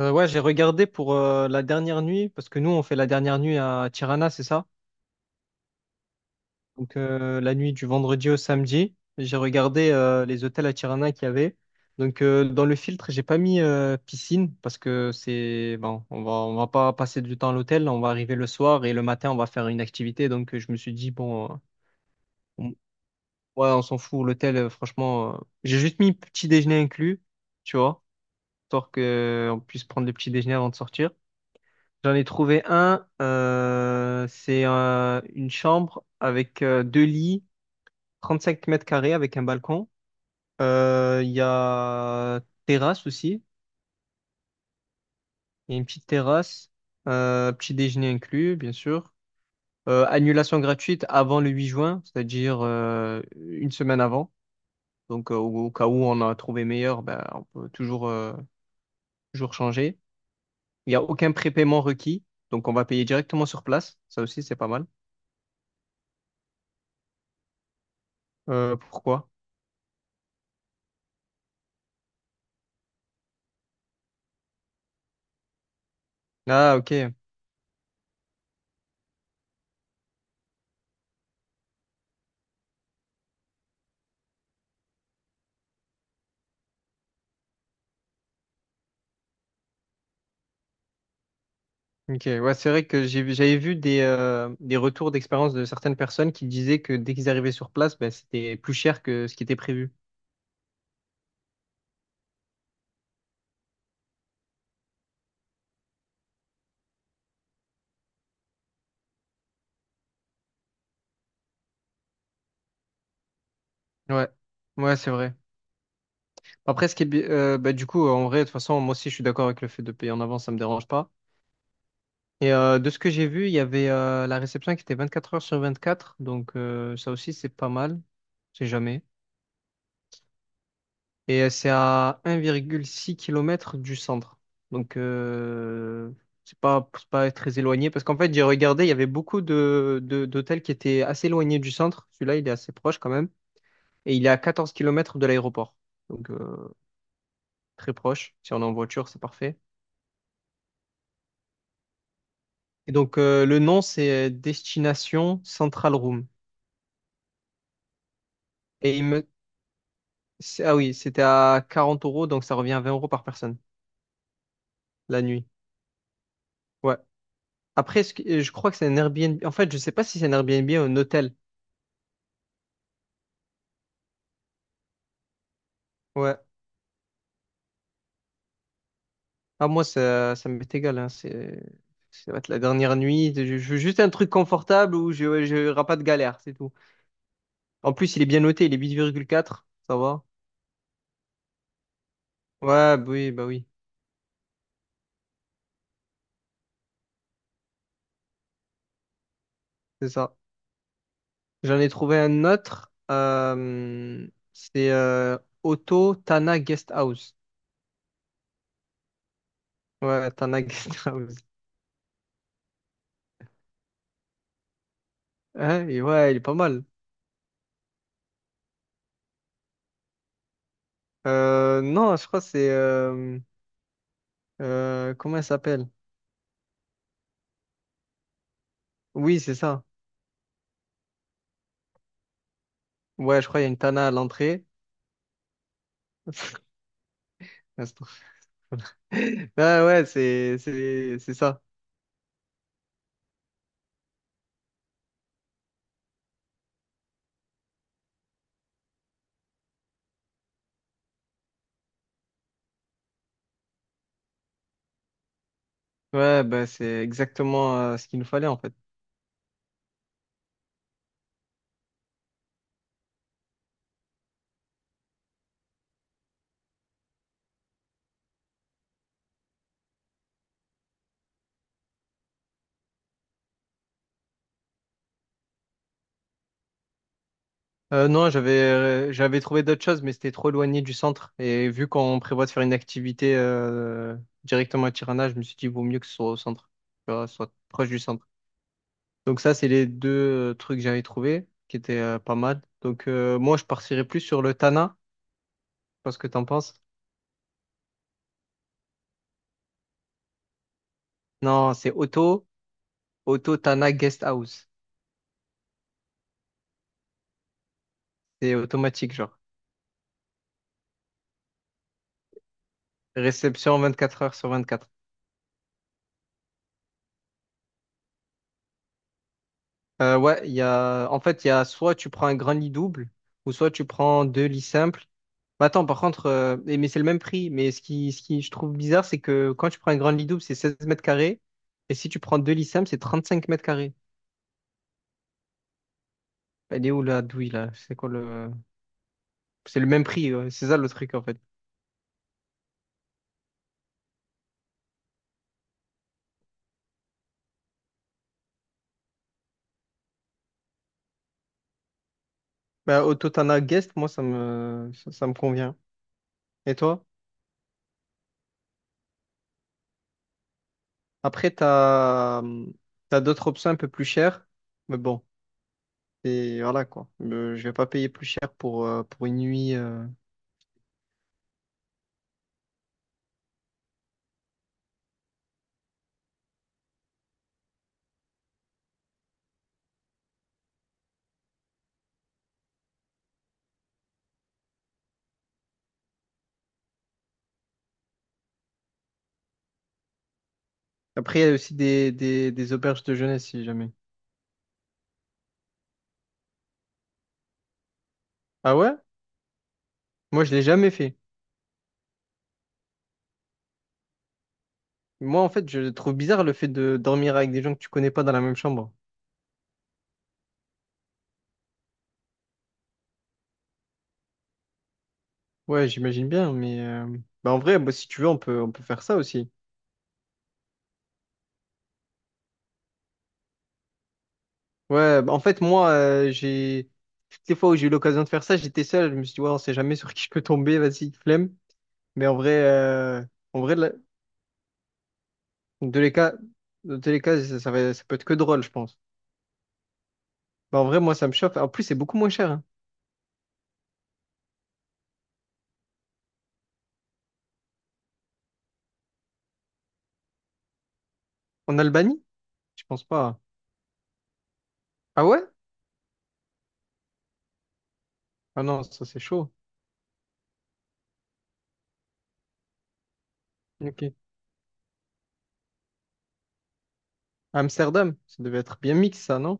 Ouais, j'ai regardé pour la dernière nuit, parce que nous, on fait la dernière nuit à Tirana, c'est ça? Donc, la nuit du vendredi au samedi, j'ai regardé les hôtels à Tirana qu'il y avait. Donc, dans le filtre, j'ai pas mis piscine, parce que c'est bon, on va pas passer du temps à l'hôtel, on va arriver le soir et le matin, on va faire une activité. Donc, je me suis dit, bon, on- ouais, on s'en fout, l'hôtel, franchement, j'ai juste mis petit déjeuner inclus, tu vois, histoire qu'on puisse prendre le petit déjeuner avant de sortir. J'en ai trouvé un. C'est une chambre avec deux lits, 35 mètres carrés avec un balcon. Il y a terrasse aussi. Il y a une petite terrasse. Petit déjeuner inclus, bien sûr. Annulation gratuite avant le 8 juin, c'est-à-dire une semaine avant. Donc, au cas où on a trouvé meilleur, ben, on peut toujours, toujours changer. Il n'y a aucun prépaiement requis. Donc, on va payer directement sur place. Ça aussi, c'est pas mal. Pourquoi? Ah, ok. Ok, ouais, c'est vrai que j'avais vu des retours d'expérience de certaines personnes qui disaient que dès qu'ils arrivaient sur place, bah, c'était plus cher que ce qui était prévu. Ouais, ouais, c'est vrai. Après, ce qui est, bi- bah, du coup, en vrai, de toute façon, moi aussi, je suis d'accord avec le fait de payer en avance, ça me dérange pas. Et de ce que j'ai vu, il y avait la réception qui était 24 heures sur 24, donc ça aussi, c'est pas mal. C'est jamais. Et c'est à 1,6 kilomètre du centre. Donc, c'est pas très éloigné. Parce qu'en fait, j'ai regardé, il y avait beaucoup d'hôtels qui étaient assez éloignés du centre. Celui-là, il est assez proche quand même. Et il est à 14 kilomètres de l'aéroport. Donc, très proche. Si on est en voiture, c'est parfait. Et donc, le nom, c'est Destination Central Room. Et il me... Ah oui, c'était à 40 euros. Donc, ça revient à 20 € par personne la nuit. Ouais. Après, je crois que c'est un Airbnb. En fait, je sais pas si c'est un Airbnb ou un hôtel. Ouais. Ah, moi, ça m'est égal, hein. Ça va être la dernière nuit. Je veux juste un truc confortable où ouais, je n'aurai pas de galère, c'est tout. En plus, il est bien noté. Il est 8,4. Ça va? Ouais, bah oui, bah oui. C'est ça. J'en ai trouvé un autre. C'est Otto Tana Guest House. Ouais, Tana Guest House. Hein. Et ouais, il est pas mal. Non, je crois que c'est. Comment elle s'appelle? Oui, c'est ça. Ouais, je crois qu'il y a une Tana à l'entrée. Ah ouais, c'est ça. Ouais, bah, c'est exactement ce qu'il nous fallait en fait. Non, j'avais trouvé d'autres choses, mais c'était trop éloigné du centre. Et vu qu'on prévoit de faire une activité directement à Tirana, je me suis dit, vaut mieux que ce soit au centre, tu vois, soit proche du centre. Donc ça, c'est les deux trucs que j'avais trouvé qui étaient pas mal. Donc moi, je partirais plus sur le Tana. Je sais pas ce que t'en penses. Non, c'est auto Tana Guest House. C'est automatique, genre. Réception 24 heures sur 24. Ouais, en fait, il y a soit tu prends un grand lit double ou soit tu prends deux lits simples. Mais attends, par contre, mais c'est le même prix. Mais ce qui je trouve bizarre, c'est que quand tu prends un grand lit double, c'est 16 mètres carrés. Et si tu prends deux lits simples, c'est 35 mètres carrés. Elle est où la douille là? C'est quoi le? C'est le même prix, ouais. C'est ça le truc en fait. Bah, au totana Guest, moi, ça me convient. Et toi? Après, t'as d'autres options un peu plus chères, mais bon, et voilà quoi. Je vais pas payer plus cher pour une nuit. Après, il y a aussi des auberges de jeunesse si jamais. Ah ouais? Moi, je l'ai jamais fait. Moi, en fait, je trouve bizarre le fait de dormir avec des gens que tu connais pas dans la même chambre. Ouais, j'imagine bien, bah, en vrai, bah, si tu veux, on peut faire ça aussi. Ouais, bah, en fait, moi, j'ai toutes les fois où j'ai eu l'occasion de faire ça, j'étais seul. Je me suis dit, ouais, on sait jamais sur qui je peux tomber, vas-y, flemme. Mais en vrai, là, de les cas, dans tous les cas, ça va, ça peut être que drôle, je pense. Bah, en vrai, moi, ça me chauffe. En plus, c'est beaucoup moins cher, hein. En Albanie? Je pense pas. Ah ouais? Ah non, ça, c'est chaud. Ok. Amsterdam, ça devait être bien mix, ça, non?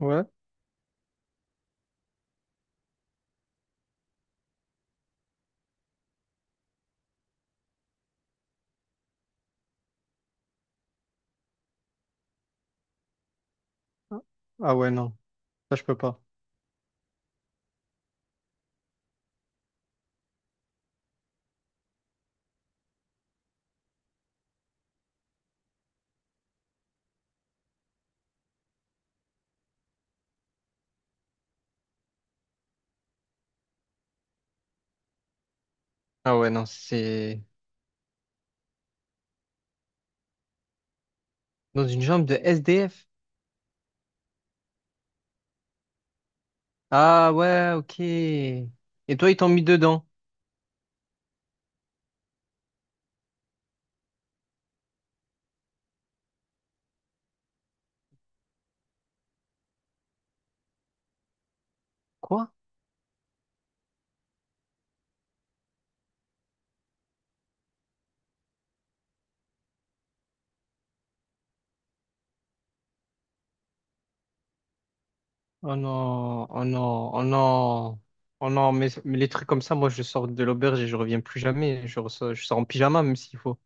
Ouais. Ah ouais, non. Ça, je peux pas. Ah ouais, non, c'est dans une chambre de SDF. Ah ouais, ok. Et toi, ils t'ont mis dedans? Quoi? Oh non, oh non, oh non, oh non, mais les trucs comme ça, moi je sors de l'auberge et je reviens plus jamais. Je sors en pyjama même s'il faut.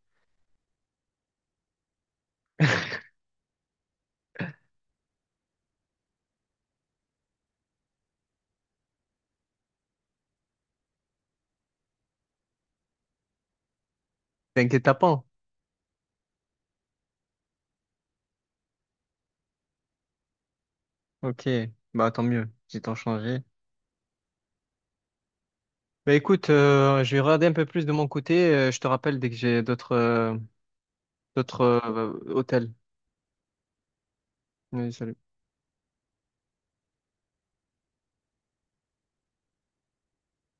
T'inquiète pas, hein. Ok, bah tant mieux, j'ai tant changé. Bah écoute, je vais regarder un peu plus de mon côté. Je te rappelle dès que j'ai d'autres hôtels. Oui, salut.